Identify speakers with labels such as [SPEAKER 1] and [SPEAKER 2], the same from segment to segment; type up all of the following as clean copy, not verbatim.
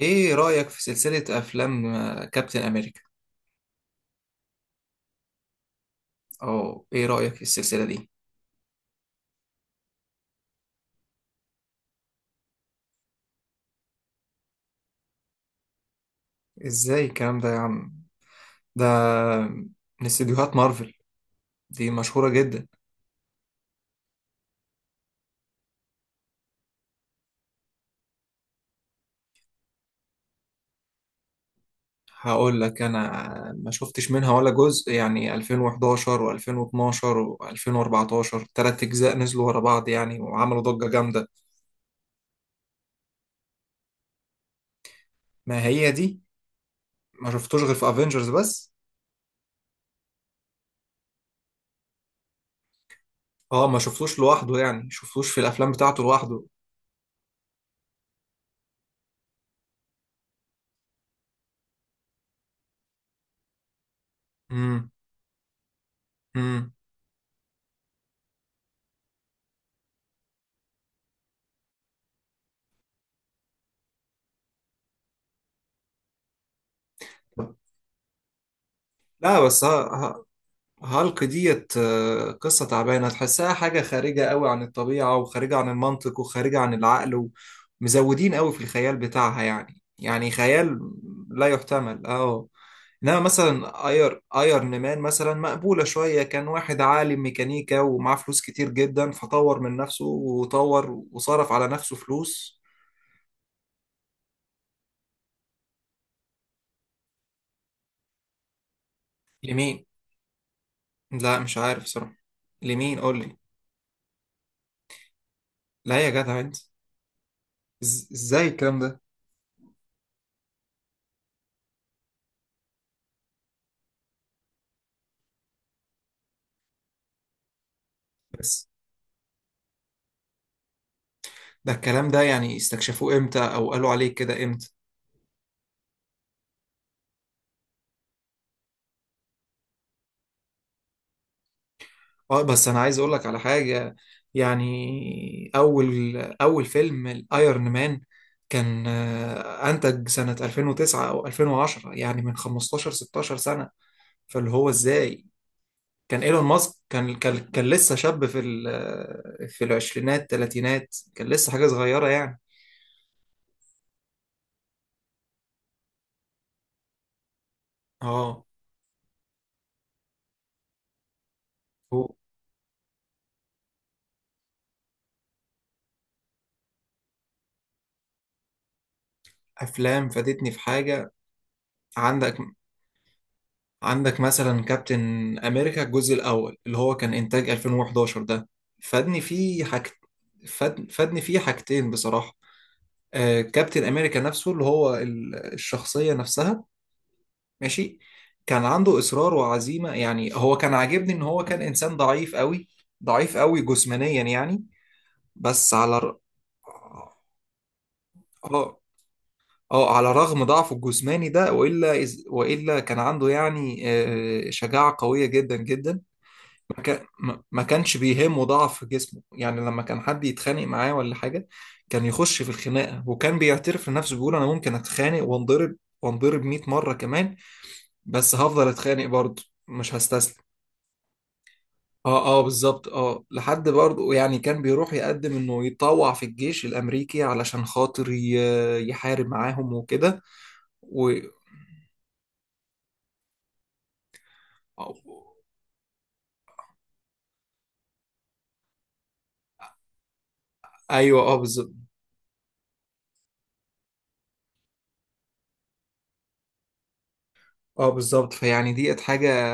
[SPEAKER 1] ايه رأيك في سلسلة افلام كابتن امريكا؟ او ايه رأيك في السلسلة دي؟ ازاي الكلام ده يا عم؟ ده من استديوهات مارفل، دي مشهورة جدا. هقول لك انا، ما شفتش منها ولا جزء، يعني 2011 و2012 و2014، تلات اجزاء نزلوا ورا بعض يعني وعملوا ضجة جامدة. ما هي دي. ما شفتوش غير في افنجرز بس. اه، ما شفتوش لوحده، يعني شفتوش في الافلام بتاعته لوحده. امم. امم. لا بس ها، هالك ديت قصة تعبانة، تحسها حاجة خارجة قوي عن الطبيعة وخارجة عن المنطق وخارجة عن العقل. ومزودين قوي في الخيال بتاعها، يعني خيال لا يحتمل. اه، انما مثلا ايرن مان مثلا مقبولة شوية، كان واحد عالم ميكانيكا ومعاه فلوس كتير جدا، فطور من نفسه وطور وصرف على نفسه فلوس. لمين؟ لا مش عارف صراحة. لمين؟ قول لي. لا يا جدع انت. ازاي الكلام ده؟ بس ده الكلام ده يعني استكشفوه امتى او قالوا عليه كده امتى؟ اه، بس انا عايز اقول لك على حاجة. يعني اول اول فيلم الايرون مان كان انتج سنة 2009 او 2010، يعني من 15 16 سنة. فاللي هو ازاي؟ كان ايلون ماسك كان لسه شاب في في العشرينات تلاتينات، كان لسه حاجة صغيرة يعني. اه. هو افلام فادتني في حاجة؟ عندك عندك مثلا كابتن امريكا الجزء الاول اللي هو كان انتاج 2011 ده، فادني فيه حاج. فادني فيه حاجتين بصراحه. آه، كابتن امريكا نفسه اللي هو الشخصيه نفسها، ماشي، كان عنده اصرار وعزيمه. يعني هو كان عاجبني ان هو كان انسان ضعيف قوي، ضعيف قوي جسمانيا يعني. بس على ر... اه، اه على رغم ضعفه الجسماني ده، والا كان عنده يعني آه شجاعه قويه جدا جدا. ما كا- ما- ما كانش بيهمه ضعف جسمه، يعني لما كان حد يتخانق معاه ولا حاجة كان يخش في الخناقة، وكان بيعترف لنفسه بيقول أنا ممكن أتخانق وانضرب، وانضرب 100 مرة كمان، بس هفضل أتخانق برضه مش هستسلم. اه، اه بالظبط، اه، لحد برضه يعني كان بيروح يقدم انه يتطوع في الجيش الامريكي علشان خاطر يحارب معاهم وكده. و... ايوه، اه بالظبط. اه بالظبط، فيعني ديت حاجة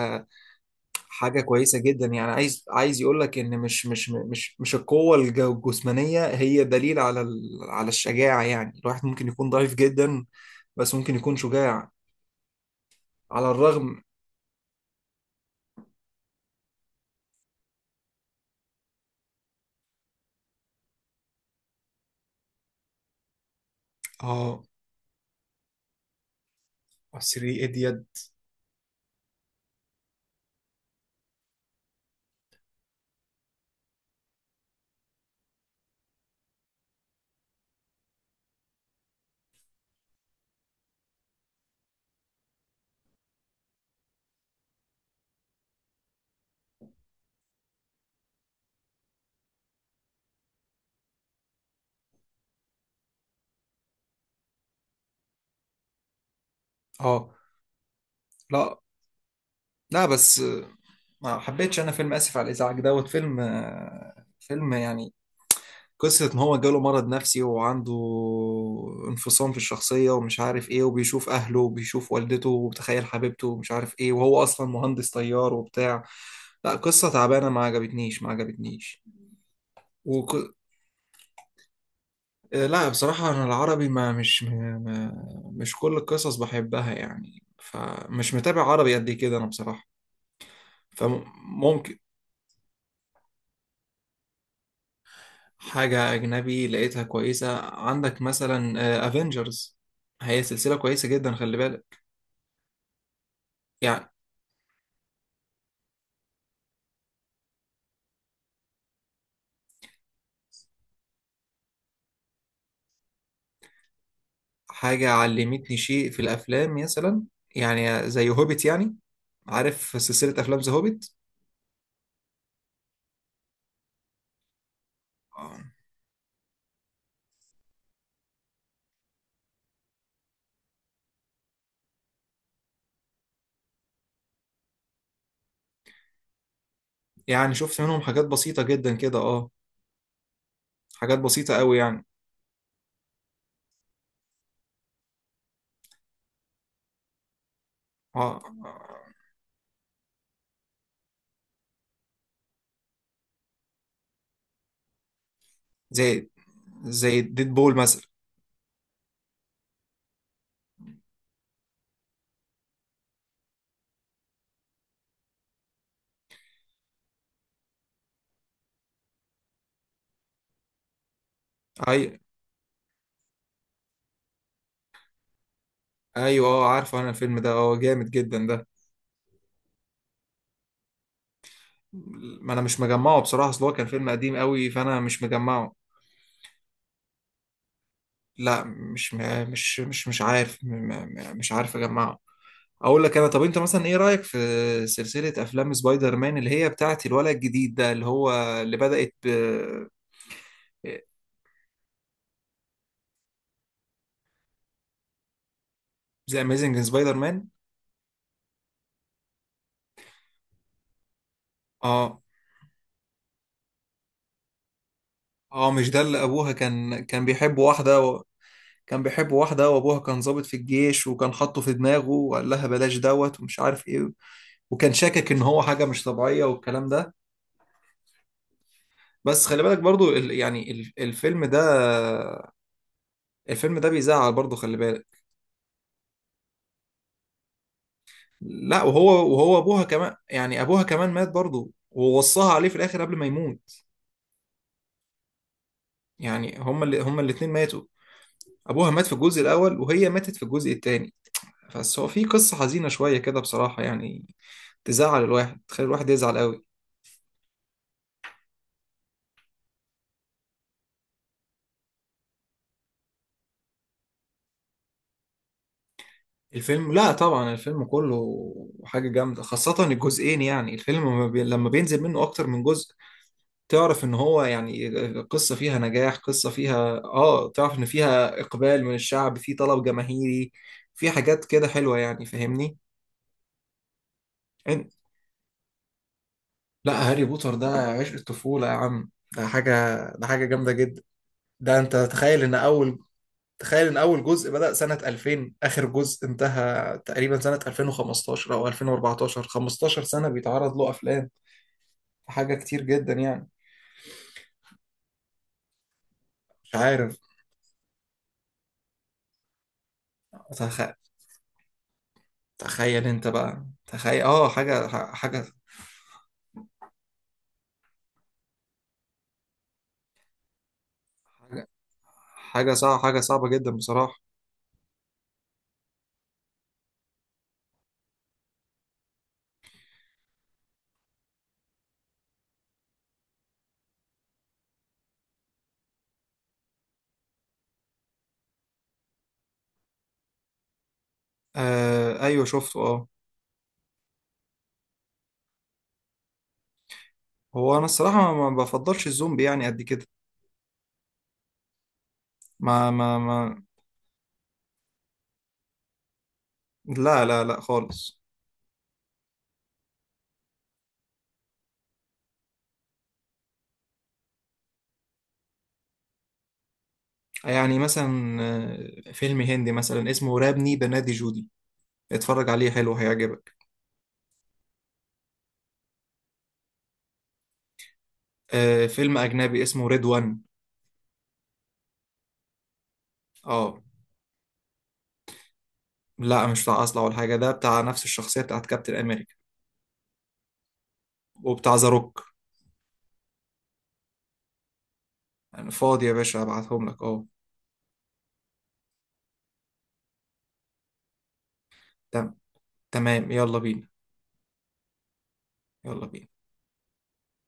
[SPEAKER 1] حاجة كويسة جدا. يعني عايز يقول لك ان مش القوة الجسمانية هي دليل على على الشجاعة. يعني الواحد ممكن يكون ضعيف جدا بس ممكن يكون شجاع على الرغم. اه، سري اديت. اه، لا، لا، بس ما حبيتش انا فيلم اسف على الازعاج دوت، فيلم فيلم يعني قصة إن هو جاله مرض نفسي وعنده انفصام في الشخصية، ومش عارف إيه، وبيشوف أهله وبيشوف والدته وبتخيل حبيبته ومش عارف إيه، وهو أصلا مهندس طيار وبتاع. لا، قصة تعبانة، ما عجبتنيش، ما عجبتنيش. وك... آه، لا بصراحة أنا العربي ما مش ما... ما- مش كل القصص بحبها، يعني فمش متابع عربي قد كده أنا بصراحة. فممكن حاجة أجنبي لقيتها كويسة. عندك مثلا أفينجرز، هي سلسلة كويسة جدا، خلي بالك. يعني حاجة علمتني شيء في الأفلام مثلا، يعني زي هوبيت، يعني عارف سلسلة أفلام ذا هوبيت. آه. يعني شفت منهم حاجات بسيطة جدا كده، اه، حاجات بسيطة قوي يعني. اه، زي زي ديد بول مثلا. أي أيوه، اه عارفه أنا الفيلم ده، اه جامد جدا ده. ما أنا مش مجمعه بصراحة، أصل هو كان فيلم قديم قوي فأنا مش مجمعه. لا، مش عارف، مش عارف اجمعه. اقول لك انا، طب انت مثلا ايه رايك في سلسله افلام سبايدر مان اللي هي بتاعت الولد الجديد ده اللي هو اللي بدات ب؟ ذا اميزنج سبايدر مان. اه، اه مش ده اللي ابوها كان بيحب واحده كان بيحب واحده وابوها كان ضابط في الجيش، وكان حاطه في دماغه وقال لها بلاش دوت ومش عارف ايه. وكان شاكك ان هو حاجه مش طبيعيه والكلام ده. بس خلي بالك برضو الفيلم ده، الفيلم ده بيزعل برضه، خلي بالك. لا، وهو ابوها كمان، يعني ابوها كمان مات برضه ووصاها عليه في الاخر قبل ما يموت. يعني هما اللي هما الاتنين ماتوا. ابوها مات في الجزء الاول وهي ماتت في الجزء التاني. بس هو في قصة حزينة شوية كده بصراحة يعني، تزعل الواحد، تخلي الواحد يزعل قوي. الفيلم؟ لا طبعا الفيلم كله حاجة جامدة، خاصة الجزئين. يعني الفيلم لما لما بينزل منه اكتر من جزء، تعرف ان هو يعني قصة فيها نجاح، قصة فيها اه تعرف ان فيها اقبال من الشعب، في طلب جماهيري في حاجات كده حلوة يعني، فاهمني؟ عن- لا، هاري بوتر ده عشق الطفولة يا عم، ده حاجة، ده حاجة جامدة جدا. ده انت تخيل ان اول جزء بدأ سنة 2000، اخر جزء انتهى تقريبا سنة 2015 او 2014، 15 سنة بيتعرض له افلام. حاجة كتير جدا يعني. مش عارف. تخ... تخيل انت بقى، تخيل اه. حاجة حاجة حاجة صعبة، حاجة صعبة جدا بصراحة. آه أيوه شفته أه. هو أنا الصراحة ما بفضلش الزومبي يعني قد كده. ما ما ما لا، لا، لا خالص. يعني مثلا آه، فيلم هندي مثلا اسمه رابني بنادي جودي، اتفرج عليه حلو هيعجبك. آه، فيلم أجنبي اسمه ريد وان. أه. لا مش بتاع أصلع ولا حاجة، ده بتاع نفس الشخصية بتاعت كابتن أمريكا وبتاع ذا روك. أنا فاضي يا باشا، أبعتهم لك أه. تم- تمام، يلا بينا. يلا بينا.